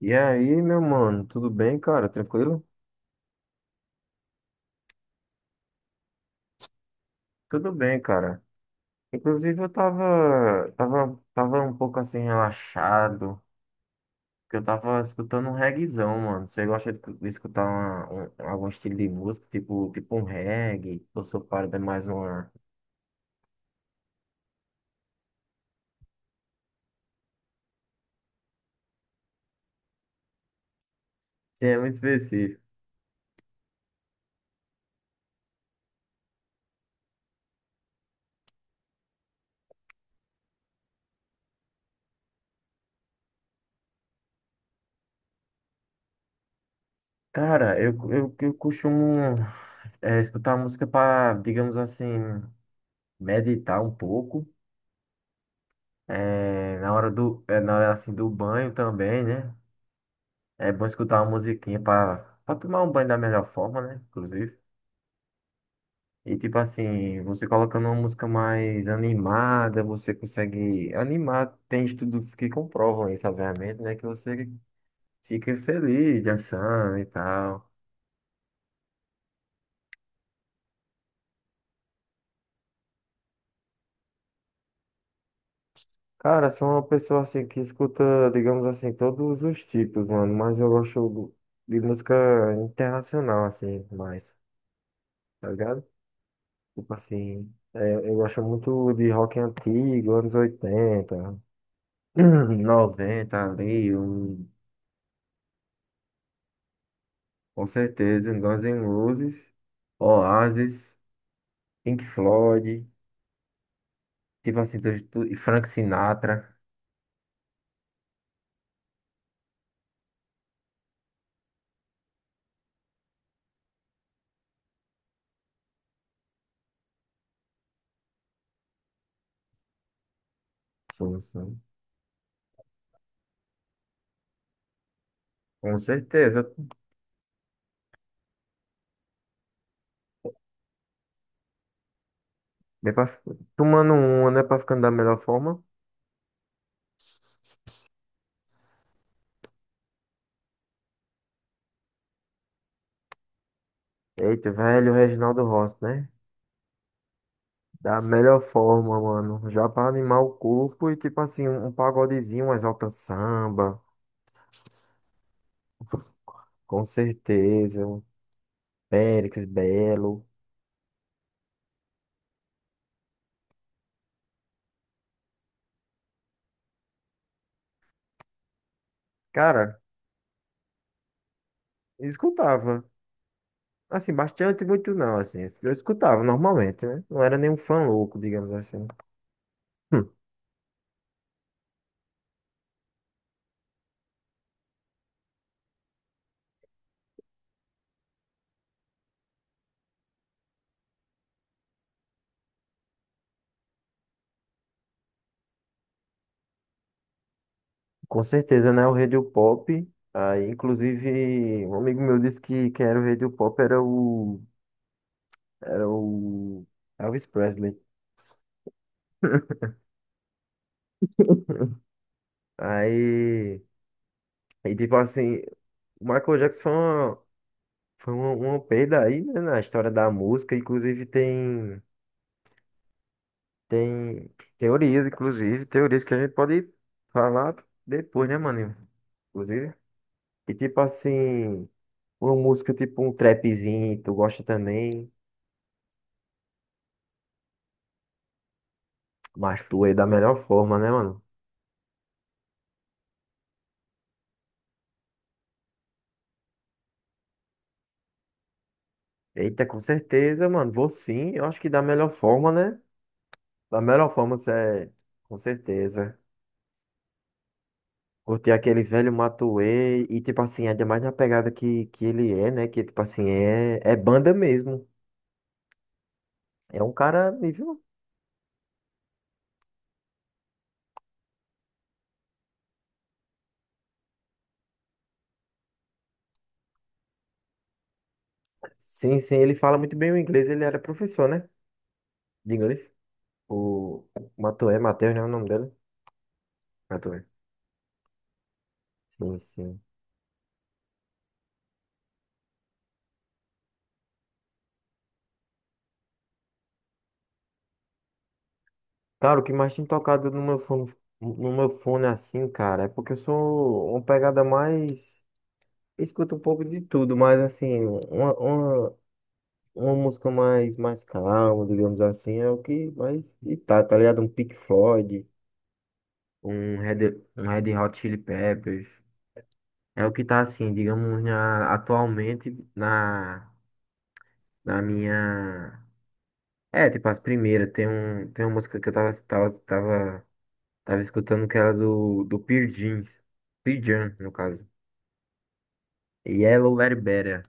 E aí, meu mano, tudo bem, cara? Tranquilo? Tudo bem, cara. Inclusive, eu tava um pouco assim relaxado, porque eu tava escutando um reggaezão, mano. Você gosta de escutar algum estilo de música, tipo um reggae, ou sua parada é mais uma... Sim, é muito específico. Cara, eu costumo escutar música pra, digamos assim, meditar um pouco. Na hora assim do banho também, né? É bom escutar uma musiquinha pra tomar um banho da melhor forma, né? Inclusive. E tipo assim, você colocando uma música mais animada, você consegue animar. Tem estudos que comprovam isso, obviamente, né? Que você fica feliz dançando e tal. Cara, sou uma pessoa assim que escuta, digamos assim, todos os tipos, mano. Mas de música internacional, assim, mais, tá ligado? Tipo assim, eu gosto muito de rock antigo, anos 80. Noventa ali, com certeza, um Guns N' Roses, Oasis, Pink Floyd, tipo assim, e Frank Sinatra. Sim, sim, com certeza. Bem pra, fi- Tomando uma, né, pra ficando da melhor forma. Eita, velho, Reginaldo Rossi, né? Da melhor forma, mano. Já pra animar o corpo e tipo assim, um pagodezinho, um Exalta Samba, com certeza. Um Péricles Belo. Cara, escutava. Assim, bastante, muito não, assim. Eu escutava normalmente, né? Não era nenhum fã louco, digamos assim. Hum, com certeza, né? O Radio Pop. Aí, inclusive, um amigo meu disse que quem era o Radio Pop era o Elvis Presley. Aí, aí tipo assim, o Michael Jackson uma perda aí, né, na história da música. Inclusive, tem teorias, inclusive, teorias que a gente pode falar depois, né, mano? Inclusive. E tipo assim, uma música tipo um trapzinho, tu gosta também, mas tu é da melhor forma, né, mano? Eita, com certeza, mano. Vou sim, eu acho que da melhor forma, né? Da melhor forma, com certeza. Curtir aquele velho Matuê e tipo assim, ainda mais na pegada que ele é, né? Que tipo assim, é banda mesmo. É um cara nível. Sim, sim, ele fala muito bem o inglês, ele era professor, né? De inglês. O Matuê, Matheus, né? O nome dele? Matuê. Sim, sim. Cara, o que mais tem tocado no meu fone, no meu fone assim, cara, é porque eu sou uma pegada mais. Escuto um pouco de tudo, mas assim, uma música mais, mais calma, digamos assim, é o que mais. E tá, tá ligado? Um Pink Floyd, um Red Hot Chili Peppers. É o que tá assim, digamos, atualmente na, na minha. É, tipo, as primeiras. Tem, um, tem uma música que eu tava escutando que era do Pearl Jeans. Pearl Jam, no caso. Yellow Let It Better.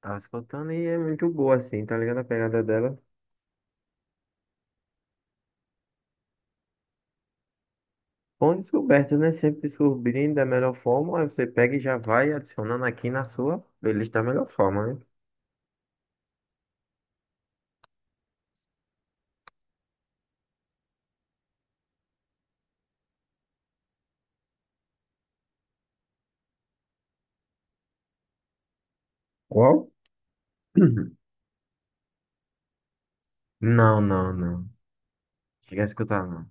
Tava escutando e é muito boa, assim, tá ligado? A pegada dela. Bom descoberta, né? Sempre descobrindo da melhor forma. Aí você pega e já vai adicionando aqui na sua playlist da melhor forma, né? Qual? Não, não, não. Cheguei a escutar, não.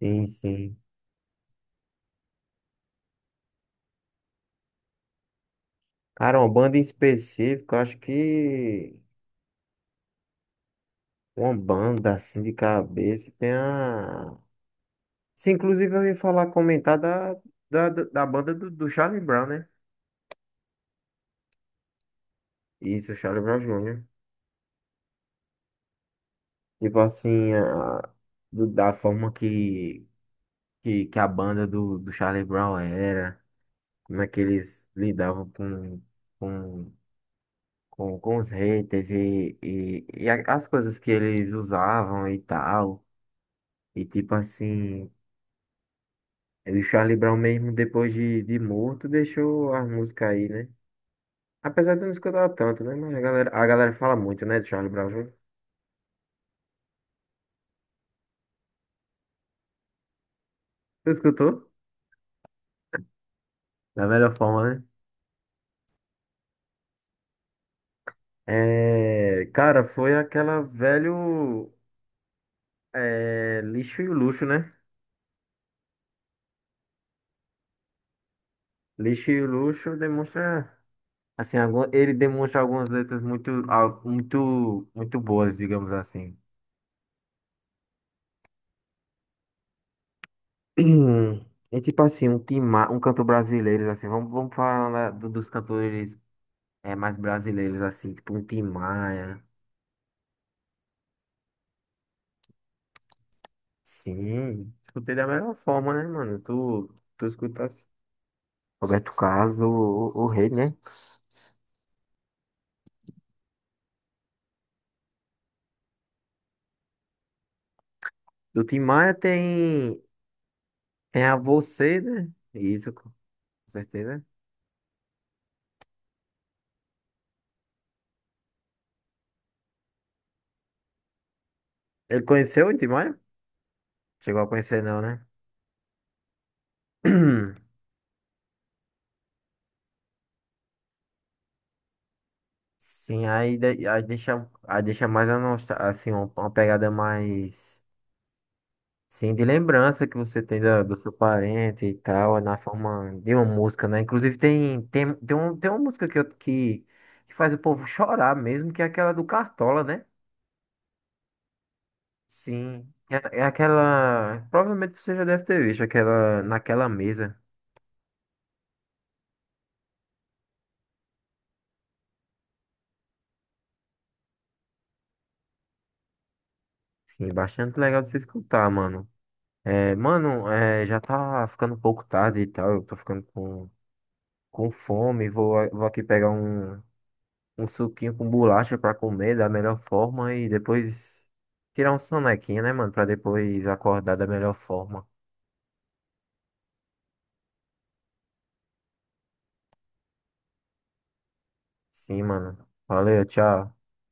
Sim, sim. Cara, uma banda em específico, eu acho que uma banda assim de cabeça tem a. Se inclusive eu ouvi falar comentar da banda do Charlie Brown, né? Isso, Charlie Brown Jr. Tipo assim, da forma que a banda do Charlie Brown era, como é que eles lidavam com, com os haters as coisas que eles usavam e tal. E tipo assim, o Charlie Brown mesmo depois de morto deixou a música aí, né? Apesar de eu não escutar tanto, né? Mas a galera fala muito, né, de Charlie Brown Jr. Tu escutou? Da melhor forma, né? É, cara, foi aquela velho lixo e o luxo, né? Lixo e o luxo demonstra, assim, algum, ele demonstra algumas letras muito, muito, muito boas, digamos assim. Hum, é tipo assim, um, tima, um canto brasileiro, assim, vamos falar dos cantores mais brasileiros, assim, tipo um Tim Maia. Sim, escutei da melhor forma, né, mano? Tu, tu escutas Roberto Carlos, o rei, né? Do Tim Maia tem, tem a você, né? Isso, com certeza. Ele conheceu o Tim Maia? Chegou a conhecer, não, né? Sim, aí deixa mais a nostalgia, assim, uma pegada mais. Sim, de lembrança que você tem da, do seu parente e tal, na forma de uma música, né? Inclusive tem uma música que faz o povo chorar mesmo, que é aquela do Cartola, né? Sim. É, é aquela. Provavelmente você já deve ter visto aquela naquela mesa. Sim, bastante legal de você escutar, mano. É, mano, é, já tá ficando um pouco tarde e tal. Eu tô ficando com fome. Vou aqui pegar um suquinho com bolacha pra comer da melhor forma e depois tirar um sonequinho, né, mano? Pra depois acordar da melhor forma. Sim, mano. Valeu, tchau.